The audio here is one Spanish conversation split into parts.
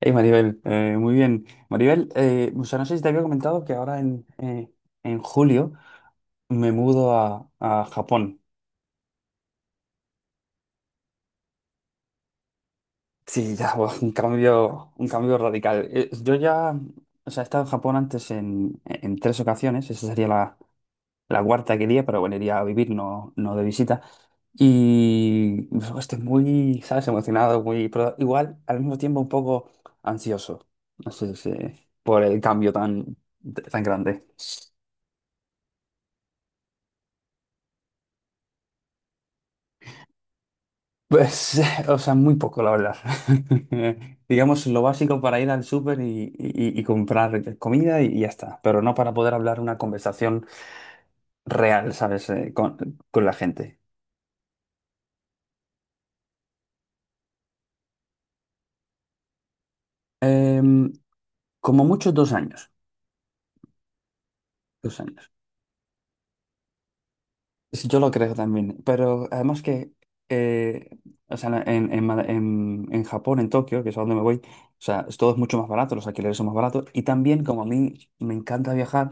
Hey Maribel, muy bien. Maribel, o sea, no sé si te había comentado que ahora en en julio me mudo a Japón. Sí, ya, buah, un cambio radical. Yo ya, o sea, he estado en Japón antes en tres ocasiones, esa sería la cuarta que iría, pero bueno, iría a vivir, no, no de visita. Y pues, estoy muy, ¿sabes? Emocionado, muy, pero igual, al mismo tiempo un poco ansioso, no sé, por el cambio tan, tan grande. Pues, o sea, muy poco, la verdad. Digamos lo básico para ir al súper y comprar comida y, ya está, pero no para poder hablar una conversación real, ¿sabes? Con la gente. Em, como mucho, 2 años. 2 años. Sí, yo lo creo también, pero además que, eh, o sea, en Japón, en Tokio, que es a donde me voy, o sea, es- todo es mucho más barato, los alquileres son más baratos, y también como a mí me encanta viajar,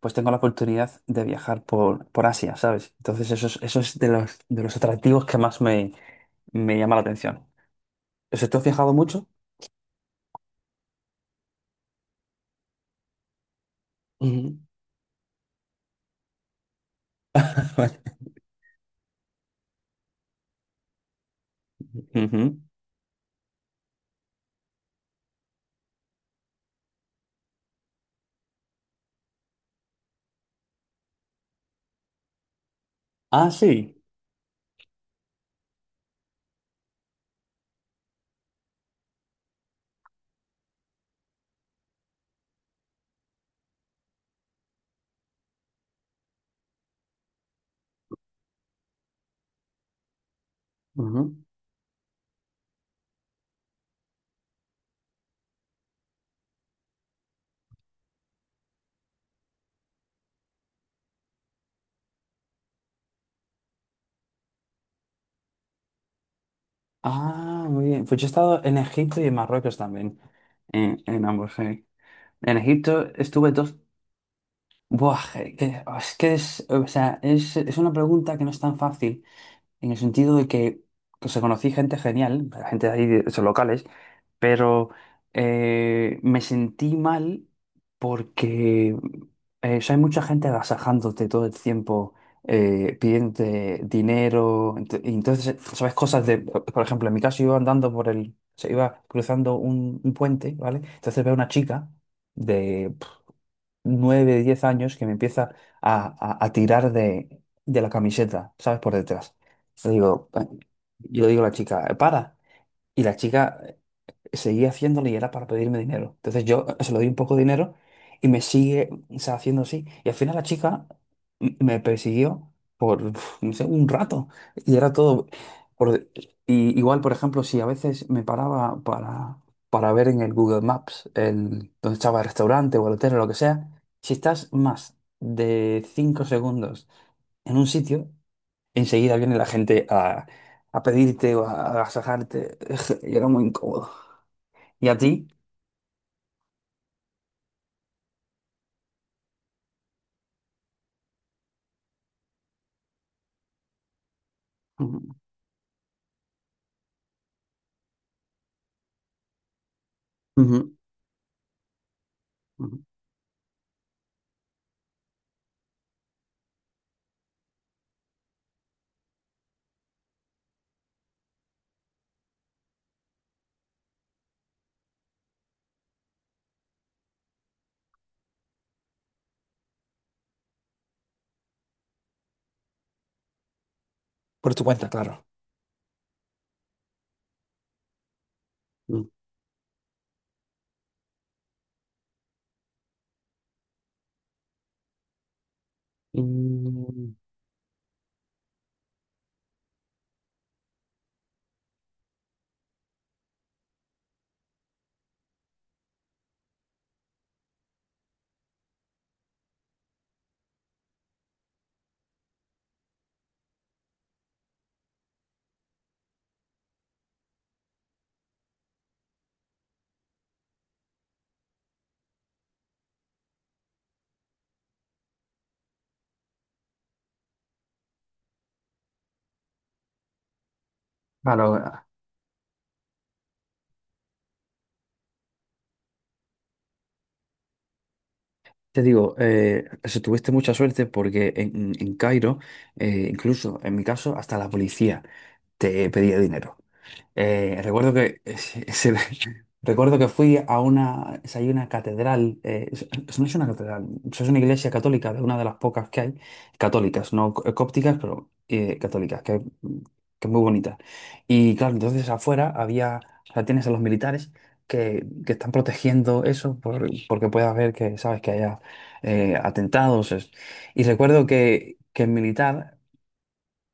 pues tengo la oportunidad de viajar por Asia, ¿sabes? Entonces eso es de los atractivos que más me, me llama la atención. O sea, ¿tú has viajado mucho? Ujú. Ujú. Ah, sí. Ujú. Ah, muy bien. Pues yo he estado en Egipto y en Marruecos también, en ambos, sí. En Egipto estuve dos... Buah, oh, es que es, o sea, es una pregunta que no es tan fácil, en el sentido de que, o sea, conocí gente genial, gente de ahí, de esos locales, pero me sentí mal porque o sea, hay mucha gente agasajándote todo el tiempo, pidiéndote dinero, y entonces, ¿sabes? Cosas de, por ejemplo, en mi caso iba andando por el, se iba cruzando un puente, ¿vale? Entonces veo una chica de 9 10 años que me empieza a, a tirar de la camiseta, ¿sabes? Por detrás. Le digo, yo le digo a la chica, para. Y la chica seguía haciéndolo y era para pedirme dinero. Entonces yo se lo di un poco de dinero y me sigue, o sea, haciendo así. Y al final la chica me persiguió por, uf, no sé, un rato. Y era todo... por- y igual, por ejemplo, si a veces me paraba para ver en el Google Maps el, donde estaba el restaurante o el hotel o lo que sea, si estás más de 5 segundos en un sitio, enseguida viene la gente a pedirte o a agasajarte. Y era muy incómodo. ¿Y a ti? Ujú, ujú, ujú, por tu cuenta, claro. Ujú. Mm, claro, ah, te digo, eso, tuviste mucha suerte porque en Cairo, incluso en mi caso, hasta la policía te pedía dinero. Recuerdo que recuerdo que fui a una, hay una catedral, no es una catedral, es una iglesia católica de una de las pocas que hay, católicas, no cópticas, pero católicas, que es muy bonita. Y claro, entonces afuera había, o sea, tienes a los militares que están protegiendo eso porque puede haber que, sabes, que haya atentados. Y recuerdo que el militar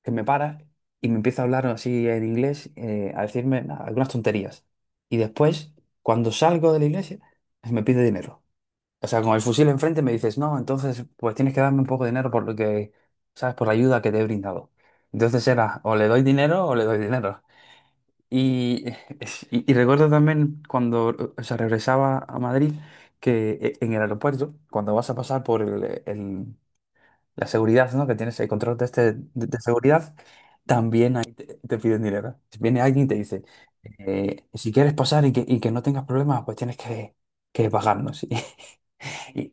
que me para y me empieza a hablar así en inglés, a decirme nada, algunas tonterías. Y después, cuando salgo de la iglesia, me pide dinero. O sea, con el fusil enfrente me dices, no, entonces pues tienes que darme un poco de dinero por lo que, ¿sabes? Por la ayuda que te he brindado. Entonces era, o le doy dinero o le doy dinero. Y, y recuerdo también cuando, o sea, regresaba a Madrid, que en el aeropuerto, cuando vas a pasar por el, la seguridad, ¿no? Que tienes el control de, este, de seguridad, también ahí te, te piden dinero. Si viene alguien y te dice, si quieres pasar y que no tengas problemas, pues tienes que pagarnos. Y,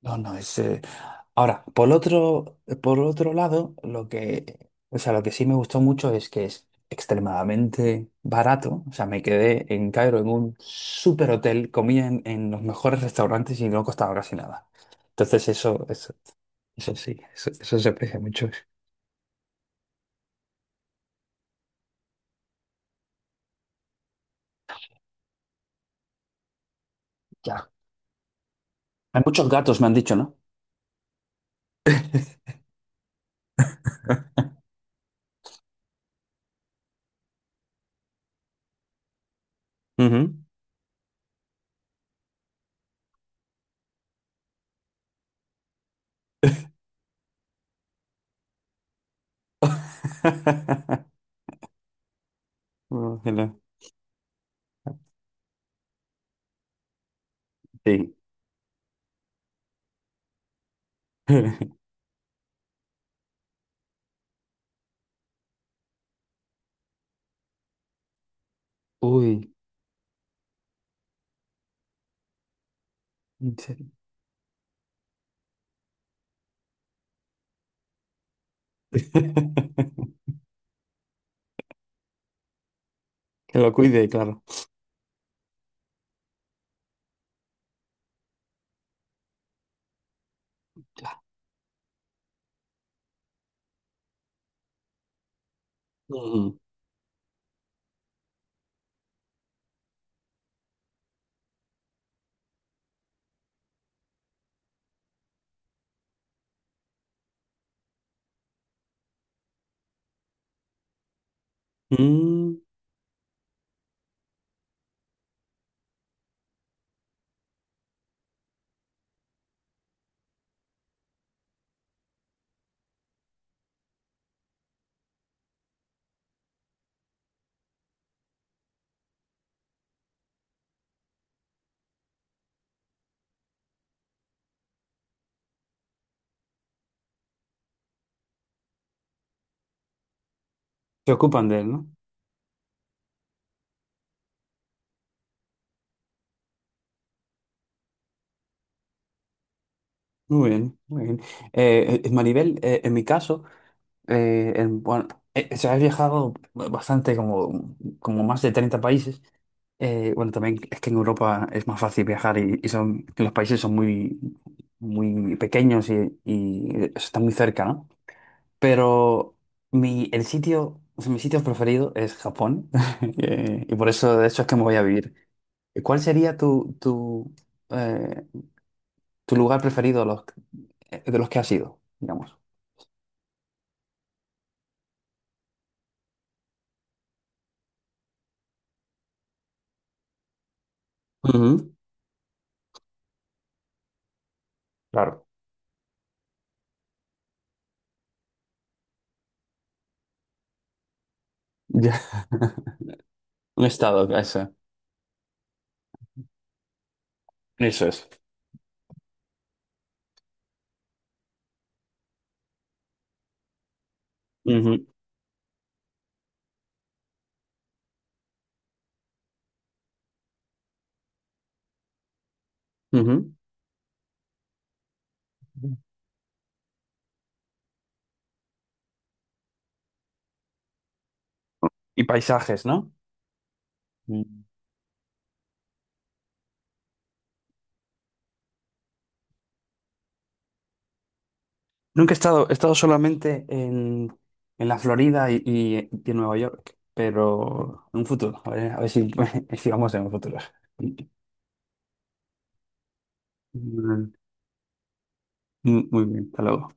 no, no, es. Ahora, por otro lado, lo que, o sea, lo que sí me gustó mucho es que es extremadamente barato. O sea, me quedé en Cairo en un super hotel, comía en los mejores restaurantes y no costaba casi nada. Entonces, eso sí, eso se aprecia mucho. Ya. Hay muchos gatos, me han dicho, ¿no? Ujú. Oh, hello. Sí. Uy, en serio. Que lo cuide, claro. Ya. Mm. Mm, se ocupan de él, ¿no? Muy bien, muy bien. Maribel, en mi caso, bueno, se ha viajado bastante, como, como más de 30 países. Bueno, también es que en Europa es más fácil viajar y son, los países son muy, muy pequeños y están muy cerca, ¿no? Pero mi, el sitio, o sea, mi sitio preferido es Japón. Y por eso, de hecho, es que me voy a vivir. ¿Cuál sería tu, tu, eh, tu lugar preferido de los que has ido, digamos. Ujú. Claro. Ya. Un estado, eso. Eso es. Ujú, ujú. Y paisajes, ¿no? Mm. Nunca he estado, he estado solamente en la Florida y en Nueva York, pero en un futuro, a ver si, si vamos en un futuro. Mm, muy bien, hasta luego.